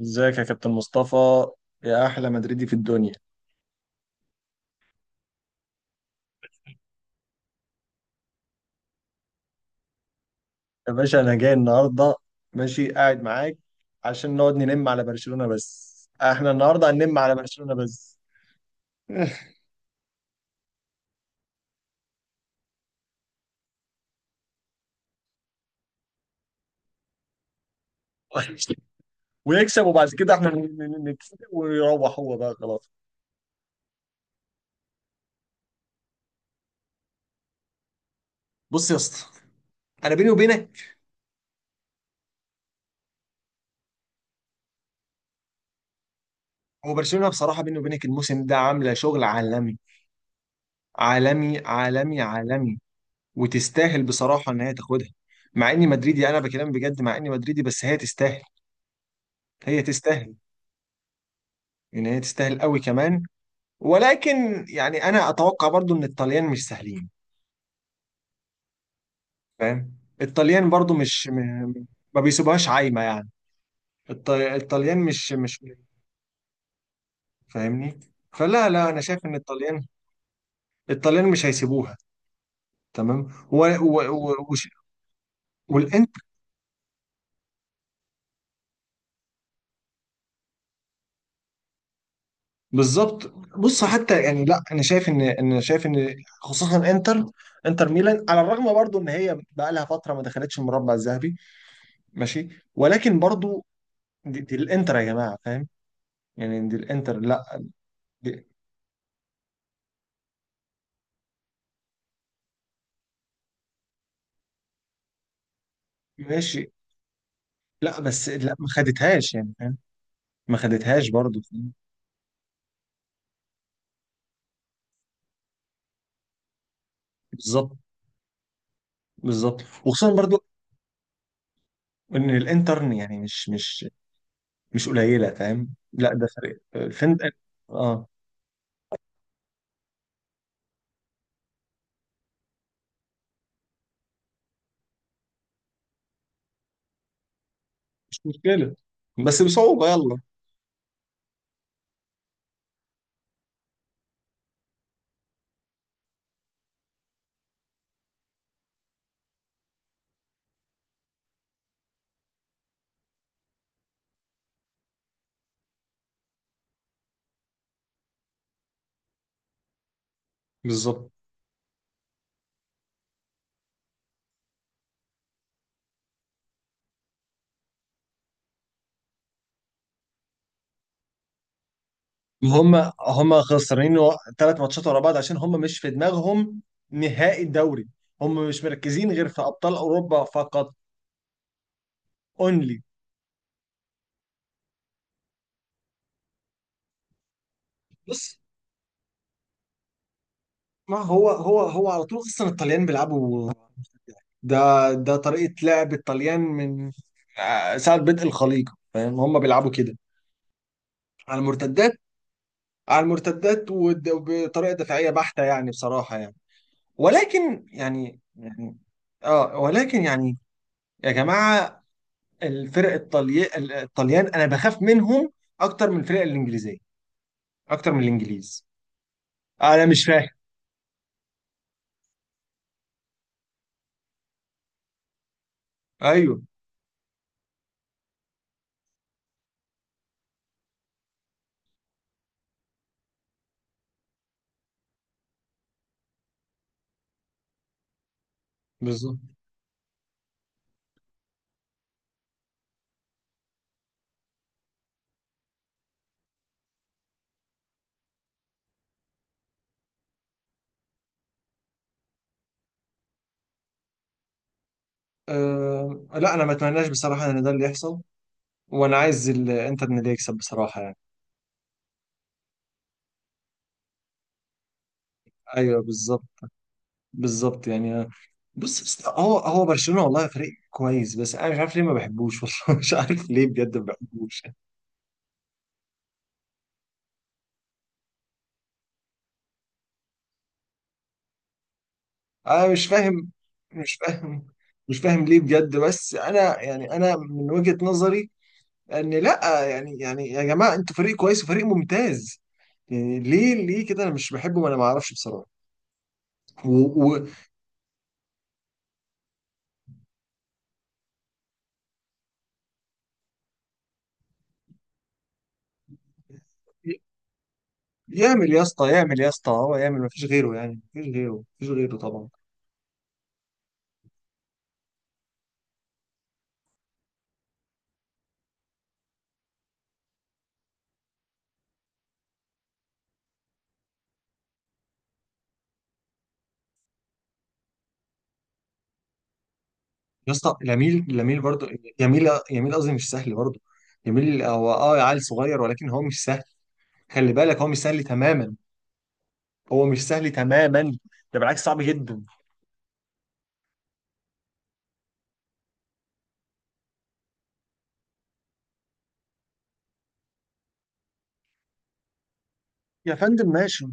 ازيك يا كابتن مصطفى، يا احلى مدريدي في الدنيا. يا باشا انا جاي النهارده ماشي قاعد معاك عشان نقعد ننم على برشلونة، بس احنا النهارده هننم على برشلونة بس. ويكسب وبعد كده احنا نكسب ويروح هو بقى خلاص. بص يا اسطى، انا بيني وبينك. هو برشلونة بصراحة بيني وبينك الموسم ده عاملة شغل عالمي. عالمي. وتستاهل بصراحة ان هي تاخدها. مع اني مدريدي، انا بكلام بجد، مع اني مدريدي بس هي تستاهل. هي تستاهل، ان هي تستاهل قوي كمان. ولكن يعني انا اتوقع برضو ان الطليان مش سهلين، فاهم. الطليان برضو مش م... ما بيسيبوهاش عايمه يعني. الطليان مش فاهمني. فلا لا انا شايف ان الطليان، الطليان مش هيسيبوها، تمام. و... و... و... وش... والانت بالظبط. بص حتى يعني، لا انا شايف ان، انا شايف ان خصوصا انتر، انتر ميلان على الرغم برضو ان هي بقى لها فتره ما دخلتش المربع الذهبي، ماشي، ولكن برضو دي الانتر يا جماعه، فاهم يعني؟ دي الانتر لا، دي ماشي. لا بس لا، ما خدتهاش يعني فاهم، ما خدتهاش برضو، فاهم؟ بالظبط. بالظبط وخصوصا برضو ان الانتر يعني مش قليله، فاهم؟ لا ده فرق الفن، اه. آه، مش مشكله بس بصعوبه، يلا. بالظبط. هم، هم خسرانين ثلاث ماتشات ورا بعض عشان هم مش في دماغهم نهائي الدوري. هم مش مركزين غير في ابطال اوروبا فقط، اونلي. بص، ما هو على طول اصلا الطليان بيلعبوا ده ده طريقة لعب الطليان من ساعة بدء الخليقة، فاهم؟ هم بيلعبوا كده على المرتدات. على المرتدات وبطريقة دفاعية بحتة يعني، بصراحة يعني. ولكن يعني، اه ولكن يعني، يا جماعة، الفرق الطلي... الطليان انا بخاف منهم اكتر من الفرق الانجليزية، اكتر من الانجليز. انا مش فاهم. ايوه بالظبط. أه لا، انا ما اتمناش بصراحة ان ده اللي يحصل، وانا عايز انتر إن اللي يكسب بصراحة يعني. ايوه بالظبط، بالظبط يعني. بص، بس هو برشلونة والله فريق كويس، بس انا مش عارف ليه ما بحبوش والله مش عارف ليه بجد ما بحبوش. انا مش فاهم، مش فاهم، مش فاهم ليه بجد، بس انا يعني انا من وجهة نظري ان، لا يعني يعني يا جماعة انتوا فريق كويس وفريق ممتاز، يعني ليه كده انا مش بحبه؟ ما انا ما اعرفش بصراحة. و... و... يعمل يا اسطى، يعمل يا اسطى، هو يعمل، ما فيش غيره يعني، ما فيش غيره طبعا. يا اسطى لاميل، لاميل برضه، يميل يميل قصدي، مش سهل برضه يميل. هو اه عيل صغير، ولكن هو مش سهل. خلي بالك هو مش سهل تماما، هو مش سهل تماما، ده بالعكس صعب جدا. يا فندم ماشي،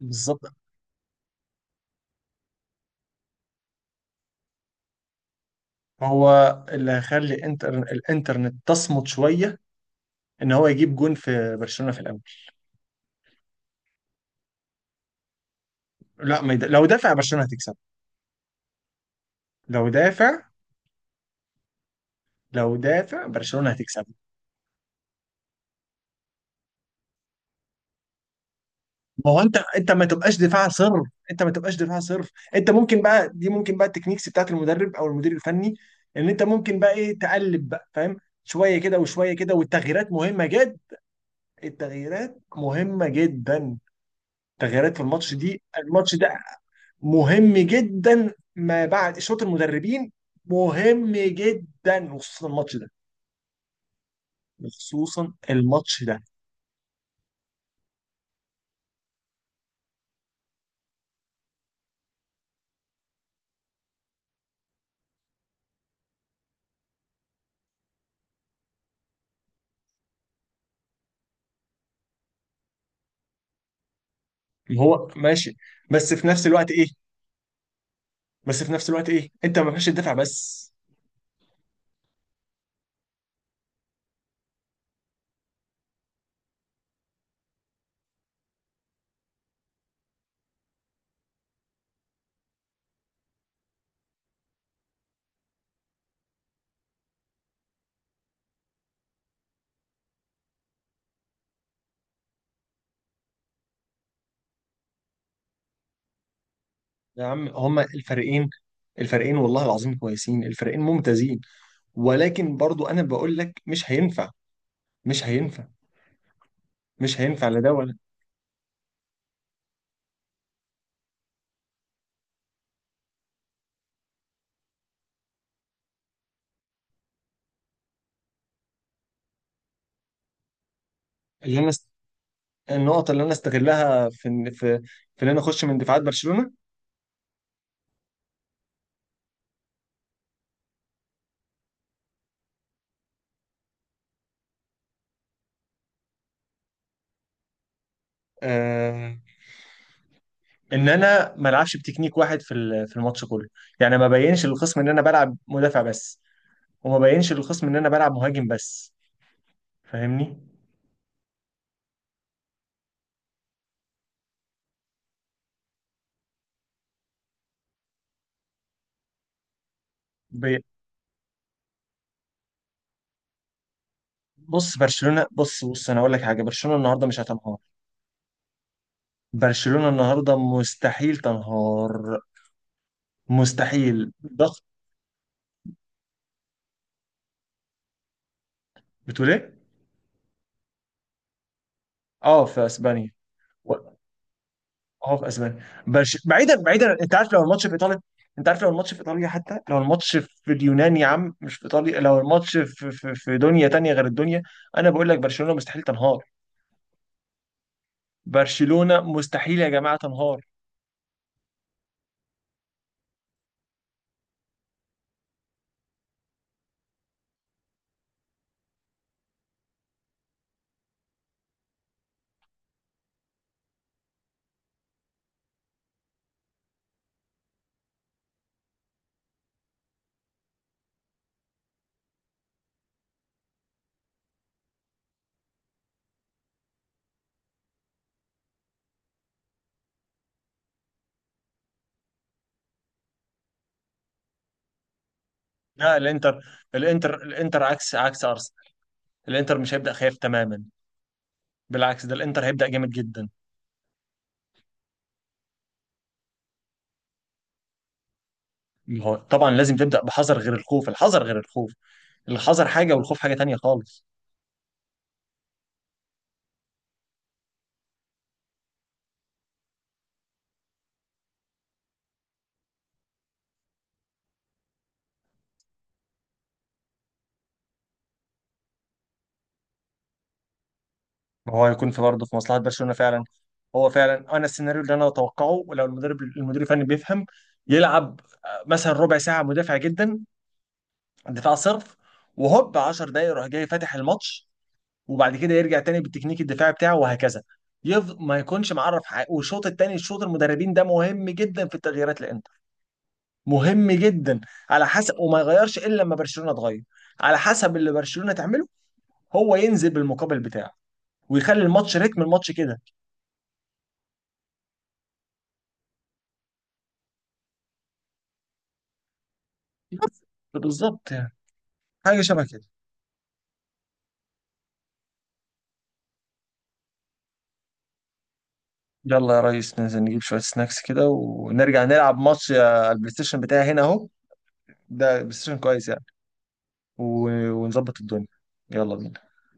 بالظبط. هو اللي هيخلي الانترنت تصمت شويه، ان هو يجيب جون في برشلونه في الاول. لا ما يد... لو دافع برشلونه هتكسب، لو دافع، لو دافع برشلونه هتكسب. ما هو انت، انت ما تبقاش دفاع صرف، انت ما تبقاش دفاع صرف، انت ممكن بقى، دي ممكن بقى التكنيكس بتاعت المدرب او المدير الفني، ان انت ممكن بقى ايه تقلب بقى، فاهم؟ شويه كده وشويه كده، والتغييرات مهمه جدا، التغييرات مهمه جدا، التغييرات في الماتش دي الماتش ده مهم جدا ما بعد شوط المدربين، مهم جدا وخصوصا الماتش ده، وخصوصا الماتش ده. هو ماشي، بس في نفس الوقت ايه، بس في نفس الوقت ايه، انت ما ينفعش تدافع بس. يا عم هما الفريقين، الفريقين والله العظيم كويسين، الفريقين ممتازين، ولكن برضو انا بقول لك مش هينفع، مش هينفع، مش هينفع، لا ده ولا. اللي انا است... النقط اللي انا استغلها في، في ان انا اخش من دفاعات برشلونة. آه... ان انا ما العبش بتكنيك واحد في في الماتش كله، يعني ما بينش للخصم ان انا بلعب مدافع بس، وما بينش للخصم ان انا بلعب مهاجم بس، فاهمني؟ بي... بص برشلونة، بص انا اقول لك حاجة، برشلونة النهارده مش هتنهار، برشلونة النهارده مستحيل تنهار، مستحيل. ضغط. بتقول ايه؟ اه في اسبانيا. و- اه في اسبانيا، بعيدا بعيدا، انت عارف لو الماتش في ايطاليا، انت عارف لو الماتش في ايطاليا، حتى لو الماتش في اليونان يا عم مش في ايطاليا، لو الماتش في دنيا تانية غير الدنيا، انا بقول لك برشلونة مستحيل تنهار، برشلونة مستحيل يا جماعة تنهار. لا الانتر، الانتر عكس، عكس ارسنال، الانتر مش هيبدأ خايف تماما، بالعكس ده الانتر هيبدأ جامد جدا. ما هو طبعا لازم تبدأ بحذر، غير الخوف، الحذر غير الخوف، الحذر حاجة والخوف حاجة تانية خالص. ما هو هيكون في برضه في مصلحة برشلونة فعلا، هو فعلا انا السيناريو اللي انا اتوقعه ولو المدرب المدير الفني بيفهم، يلعب مثلا ربع ساعة مدافع جدا، دفاع صرف، وهوب 10 دقايق يروح جاي فاتح الماتش، وبعد كده يرجع تاني بالتكنيك الدفاعي بتاعه وهكذا. ما يكونش معرف حق. والشوط التاني الشوط المدربين ده مهم جدا في التغييرات، لان مهم جدا، على حسب، وما يغيرش الا لما برشلونه تغير، على حسب اللي برشلونه تعمله، هو ينزل بالمقابل بتاعه، ويخلي الماتش رتم الماتش كده. بس بالظبط يعني، حاجه شبه كده. يلا يا ريس، ننزل نجيب شويه سناكس كده ونرجع نلعب ماتش، البلاي ستيشن بتاعي هنا اهو، ده بلاي ستيشن كويس يعني، ونظبط الدنيا، يلا بينا.